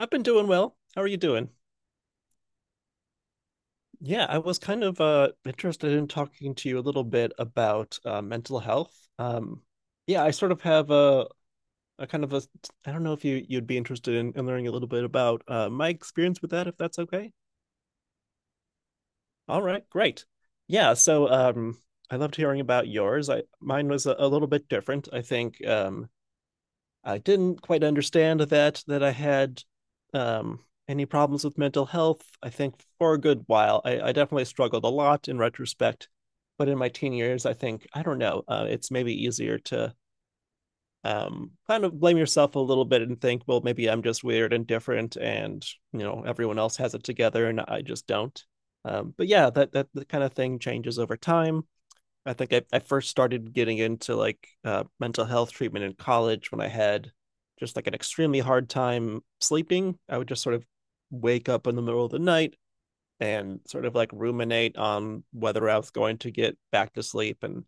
I've been doing well. How are you doing? Yeah, I was kind of interested in talking to you a little bit about mental health. Yeah, I sort of have a kind of a I don't know if you'd be interested in learning a little bit about my experience with that, if that's okay. All right, great. Yeah, so I loved hearing about yours. I mine was a little bit different. I think I didn't quite understand that I had um, any problems with mental health. I think for a good while, I definitely struggled a lot in retrospect. But in my teen years, I think I don't know. It's maybe easier to kind of blame yourself a little bit and think, well, maybe I'm just weird and different, and you know everyone else has it together and I just don't. But yeah, that that kind of thing changes over time. I think I first started getting into like mental health treatment in college when I had just like an extremely hard time sleeping. I would just sort of wake up in the middle of the night and sort of like ruminate on whether I was going to get back to sleep. And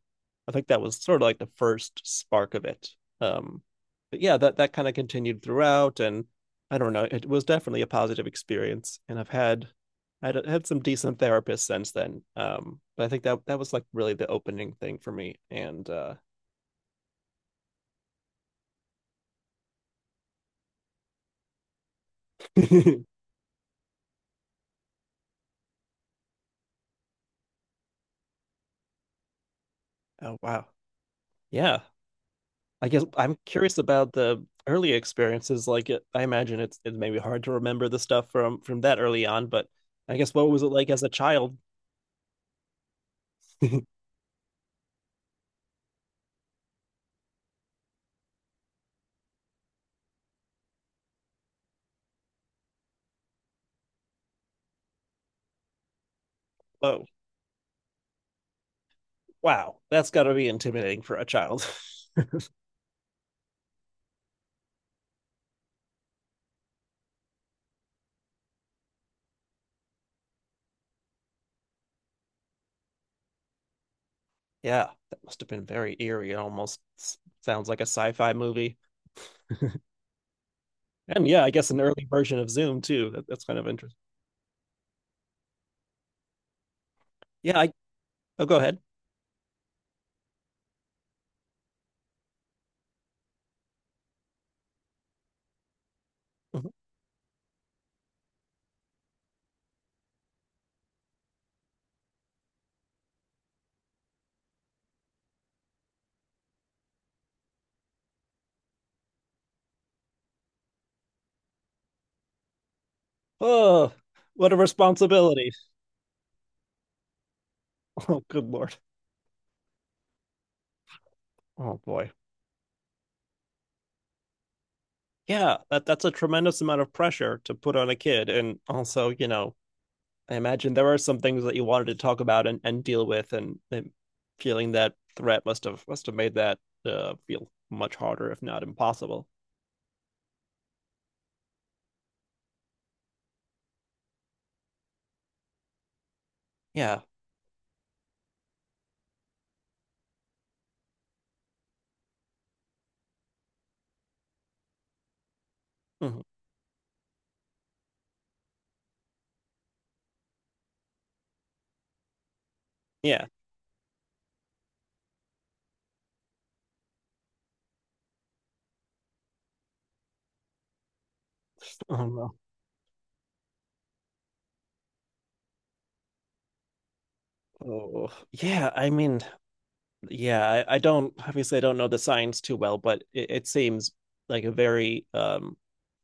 I think that was sort of like the first spark of it. Um, but yeah, that kind of continued throughout. And I don't know, it was definitely a positive experience. And I had some decent therapists since then. But I think that was like really the opening thing for me. And oh wow, yeah, I guess I'm curious about the early experiences. I imagine it may be hard to remember the stuff from that early on, but I guess what was it like as a child? Oh, wow, that's got to be intimidating for a child. Yeah, that must have been very eerie. It almost sounds like a sci-fi movie. And yeah, I guess an early version of Zoom too. That's kind of interesting. Yeah, I Oh, go ahead. Mhm. Oh, what a responsibility. Oh, good Lord. Oh boy. Yeah, that's a tremendous amount of pressure to put on a kid. And also, you know, I imagine there are some things that you wanted to talk about and, deal with, and feeling that threat must have made that feel much harder, if not impossible. Yeah. Mhm. Yeah. Oh no. Oh, yeah. I mean, yeah. I don't Obviously I don't know the science too well, but it seems like a very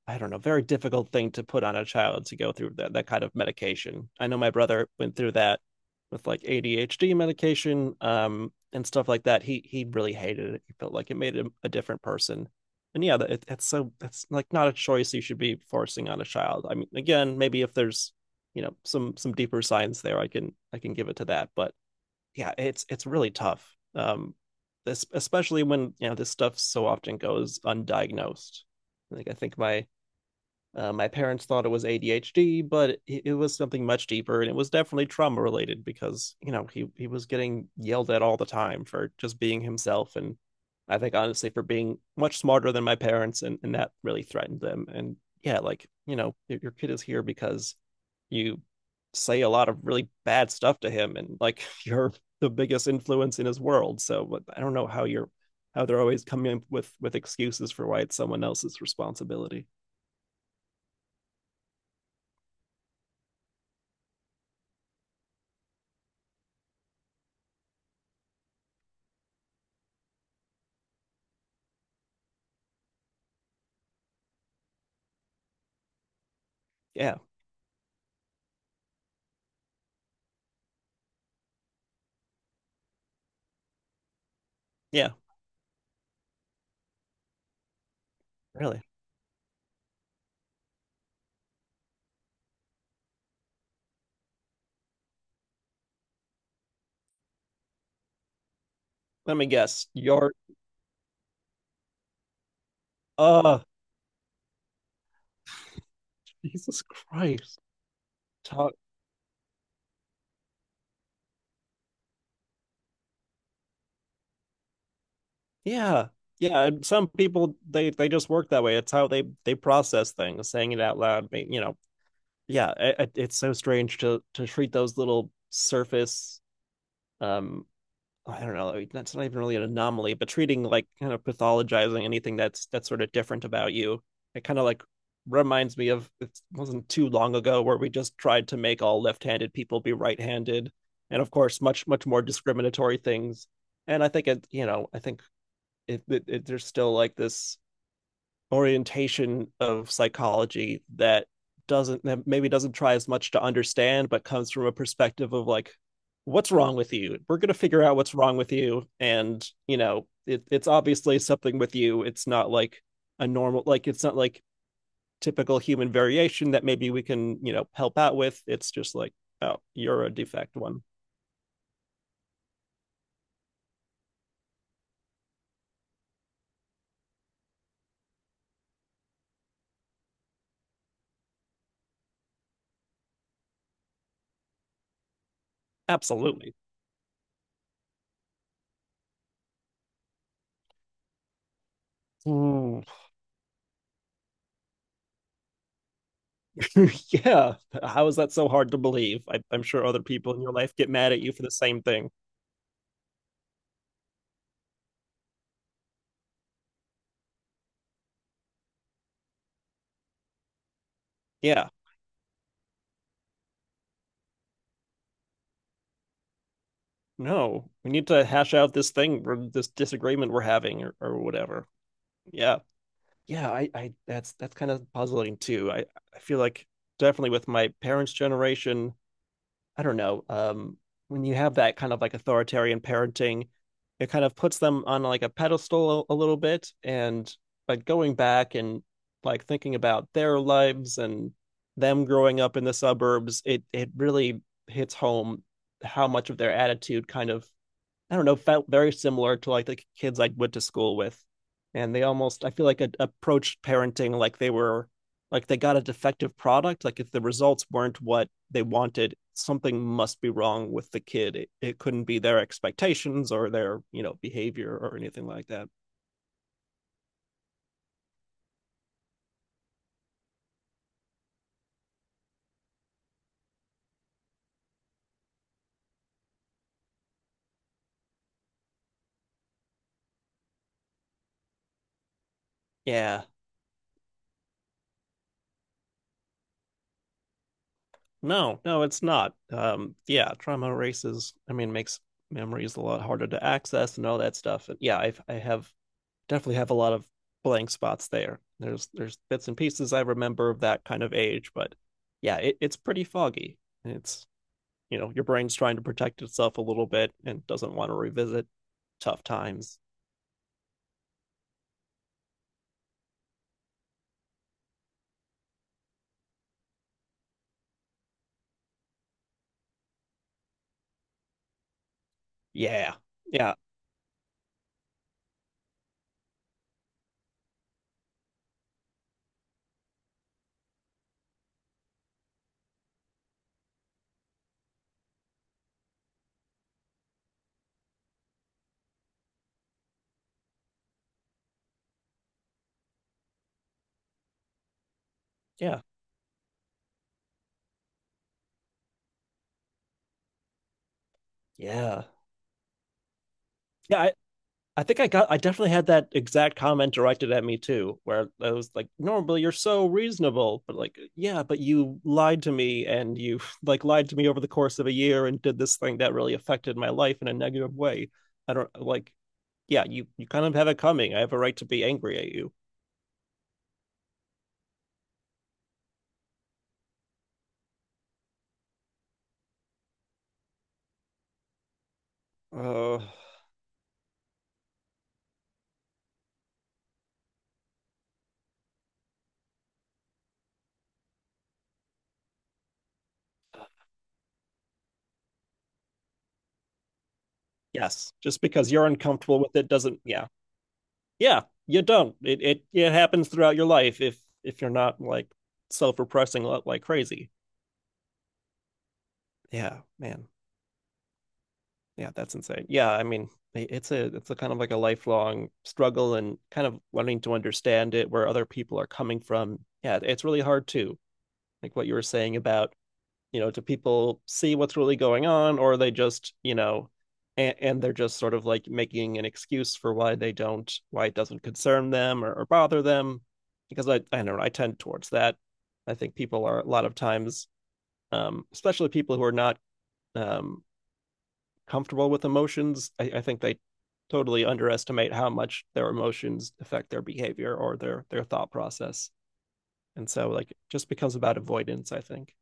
I don't know, very difficult thing to put on a child to go through that kind of medication. I know my brother went through that with like ADHD medication and stuff like that. He really hated it. He felt like it made him a different person. And yeah, it's so it's like not a choice you should be forcing on a child. I mean, again, maybe if there's you know some deeper science there, I can give it to that. But yeah, it's really tough. Especially when you know this stuff so often goes undiagnosed. Like I think my parents thought it was ADHD, but it was something much deeper, and it was definitely trauma related because you know he was getting yelled at all the time for just being himself, and I think honestly for being much smarter than my parents, and that really threatened them. And yeah, like you know your, kid is here because you say a lot of really bad stuff to him, and like you're the biggest influence in his world. So I don't know how they're always coming up with excuses for why it's someone else's responsibility. Yeah, yeah. Really? Let me guess. Your Uh, Jesus Christ. Talk. Yeah. Yeah. And some people, they just work that way. It's how they process things, saying it out loud. You know, yeah. It's so strange to, treat those little surface, um, I don't know, like, that's not even really an anomaly, but treating like kind of pathologizing anything that's sort of different about you. It kind of like reminds me of it wasn't too long ago where we just tried to make all left-handed people be right-handed, and of course much, much more discriminatory things. And I think it you know I think it, it, it there's still like this orientation of psychology that maybe doesn't try as much to understand, but comes from a perspective of like, what's wrong with you, we're going to figure out what's wrong with you. And you know it's obviously something with you. It's not like a normal like it's not like typical human variation that maybe we can help out with. It's just like, oh, you're a defect one. Absolutely. Mm. Yeah, how is that so hard to believe? I'm sure other people in your life get mad at you for the same thing. Yeah, no, we need to hash out this thing or this disagreement we're having, or whatever. Yeah. Yeah, I that's kind of puzzling too. I feel like definitely with my parents' generation, I don't know, when you have that kind of like authoritarian parenting, it kind of puts them on like a pedestal a little bit. And like going back and like thinking about their lives and them growing up in the suburbs, it really hits home how much of their attitude kind of I don't know, felt very similar to like the kids I went to school with. And they almost, I feel like, approached parenting like they got a defective product. Like if the results weren't what they wanted, something must be wrong with the kid. It couldn't be their expectations or their, you know, behavior or anything like that. Yeah. No, no, it's not. Yeah, trauma erases, I mean, makes memories a lot harder to access and all that stuff. And yeah, I have definitely have a lot of blank spots there. There's bits and pieces I remember of that kind of age, but yeah, it's pretty foggy. It's you know your brain's trying to protect itself a little bit and doesn't want to revisit tough times. Yeah, yeah, yeah, yeah, yeah. I think I got I definitely had that exact comment directed at me too, where I was like, normally you're so reasonable, but like, yeah, but you lied to me and you like lied to me over the course of a year and did this thing that really affected my life in a negative way. I don't like, Yeah, you kind of have it coming. I have a right to be angry at you. Uh yes. Just because you're uncomfortable with it doesn't. Yeah. Yeah, you don't. It happens throughout your life if you're not like self-repressing like crazy. Yeah, man. Yeah, that's insane. Yeah, I mean, it's a, kind of like a lifelong struggle and kind of wanting to understand it where other people are coming from. Yeah, it's really hard too, like what you were saying about, you know, do people see what's really going on, or are they just, you know, and they're just sort of like making an excuse for why they don't why it doesn't concern them or bother them, because I don't know, I tend towards that. I think people are a lot of times especially people who are not um comfortable with emotions. I think they totally underestimate how much their emotions affect their behavior or their thought process. And so like it just becomes about avoidance, I think.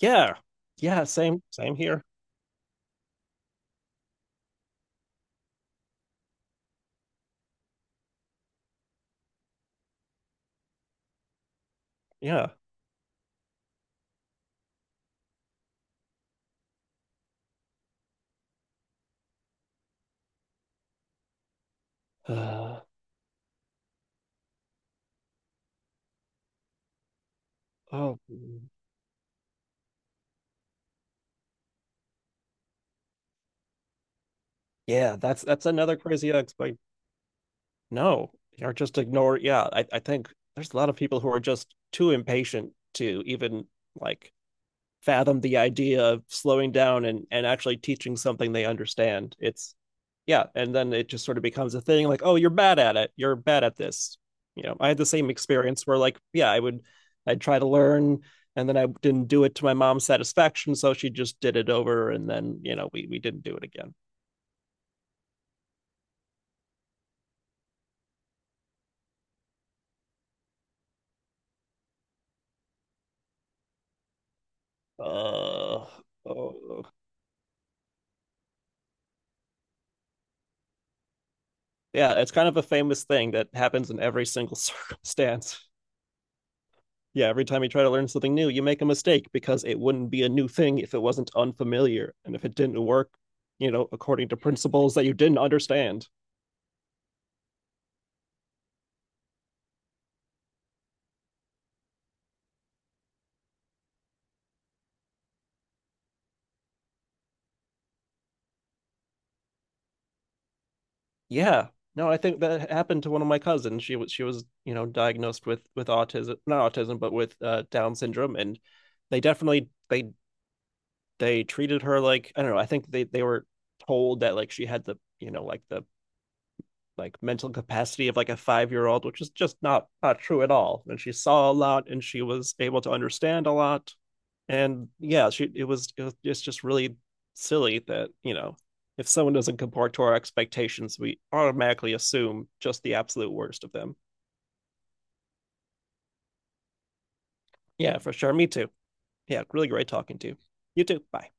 Yeah. Yeah, same here. Yeah. Uh, oh yeah, that's another crazy ex. Like, no, or just ignore. Yeah, I think there's a lot of people who are just too impatient to even like fathom the idea of slowing down and actually teaching something they understand. It's Yeah, and then it just sort of becomes a thing like, oh, you're bad at it. You're bad at this. You know, I had the same experience where like, yeah, I'd try to learn and then I didn't do it to my mom's satisfaction, so she just did it over and then, you know, we didn't do it again. Uh, oh. Yeah, it's kind of a famous thing that happens in every single circumstance. Yeah, every time you try to learn something new, you make a mistake because it wouldn't be a new thing if it wasn't unfamiliar and if it didn't work, you know, according to principles that you didn't understand. Yeah. No, I think that happened to one of my cousins. She was, you know, diagnosed with autism, not autism, but with Down syndrome, and they definitely they treated her like I don't know, I think they were told that like she had the, like the mental capacity of like a 5-year-old, which is just not true at all. And she saw a lot, and she was able to understand a lot, and yeah, she it's just really silly that if someone doesn't comport to our expectations, we automatically assume just the absolute worst of them. Yeah, for sure. Me too. Yeah, really great talking to you. You too. Bye.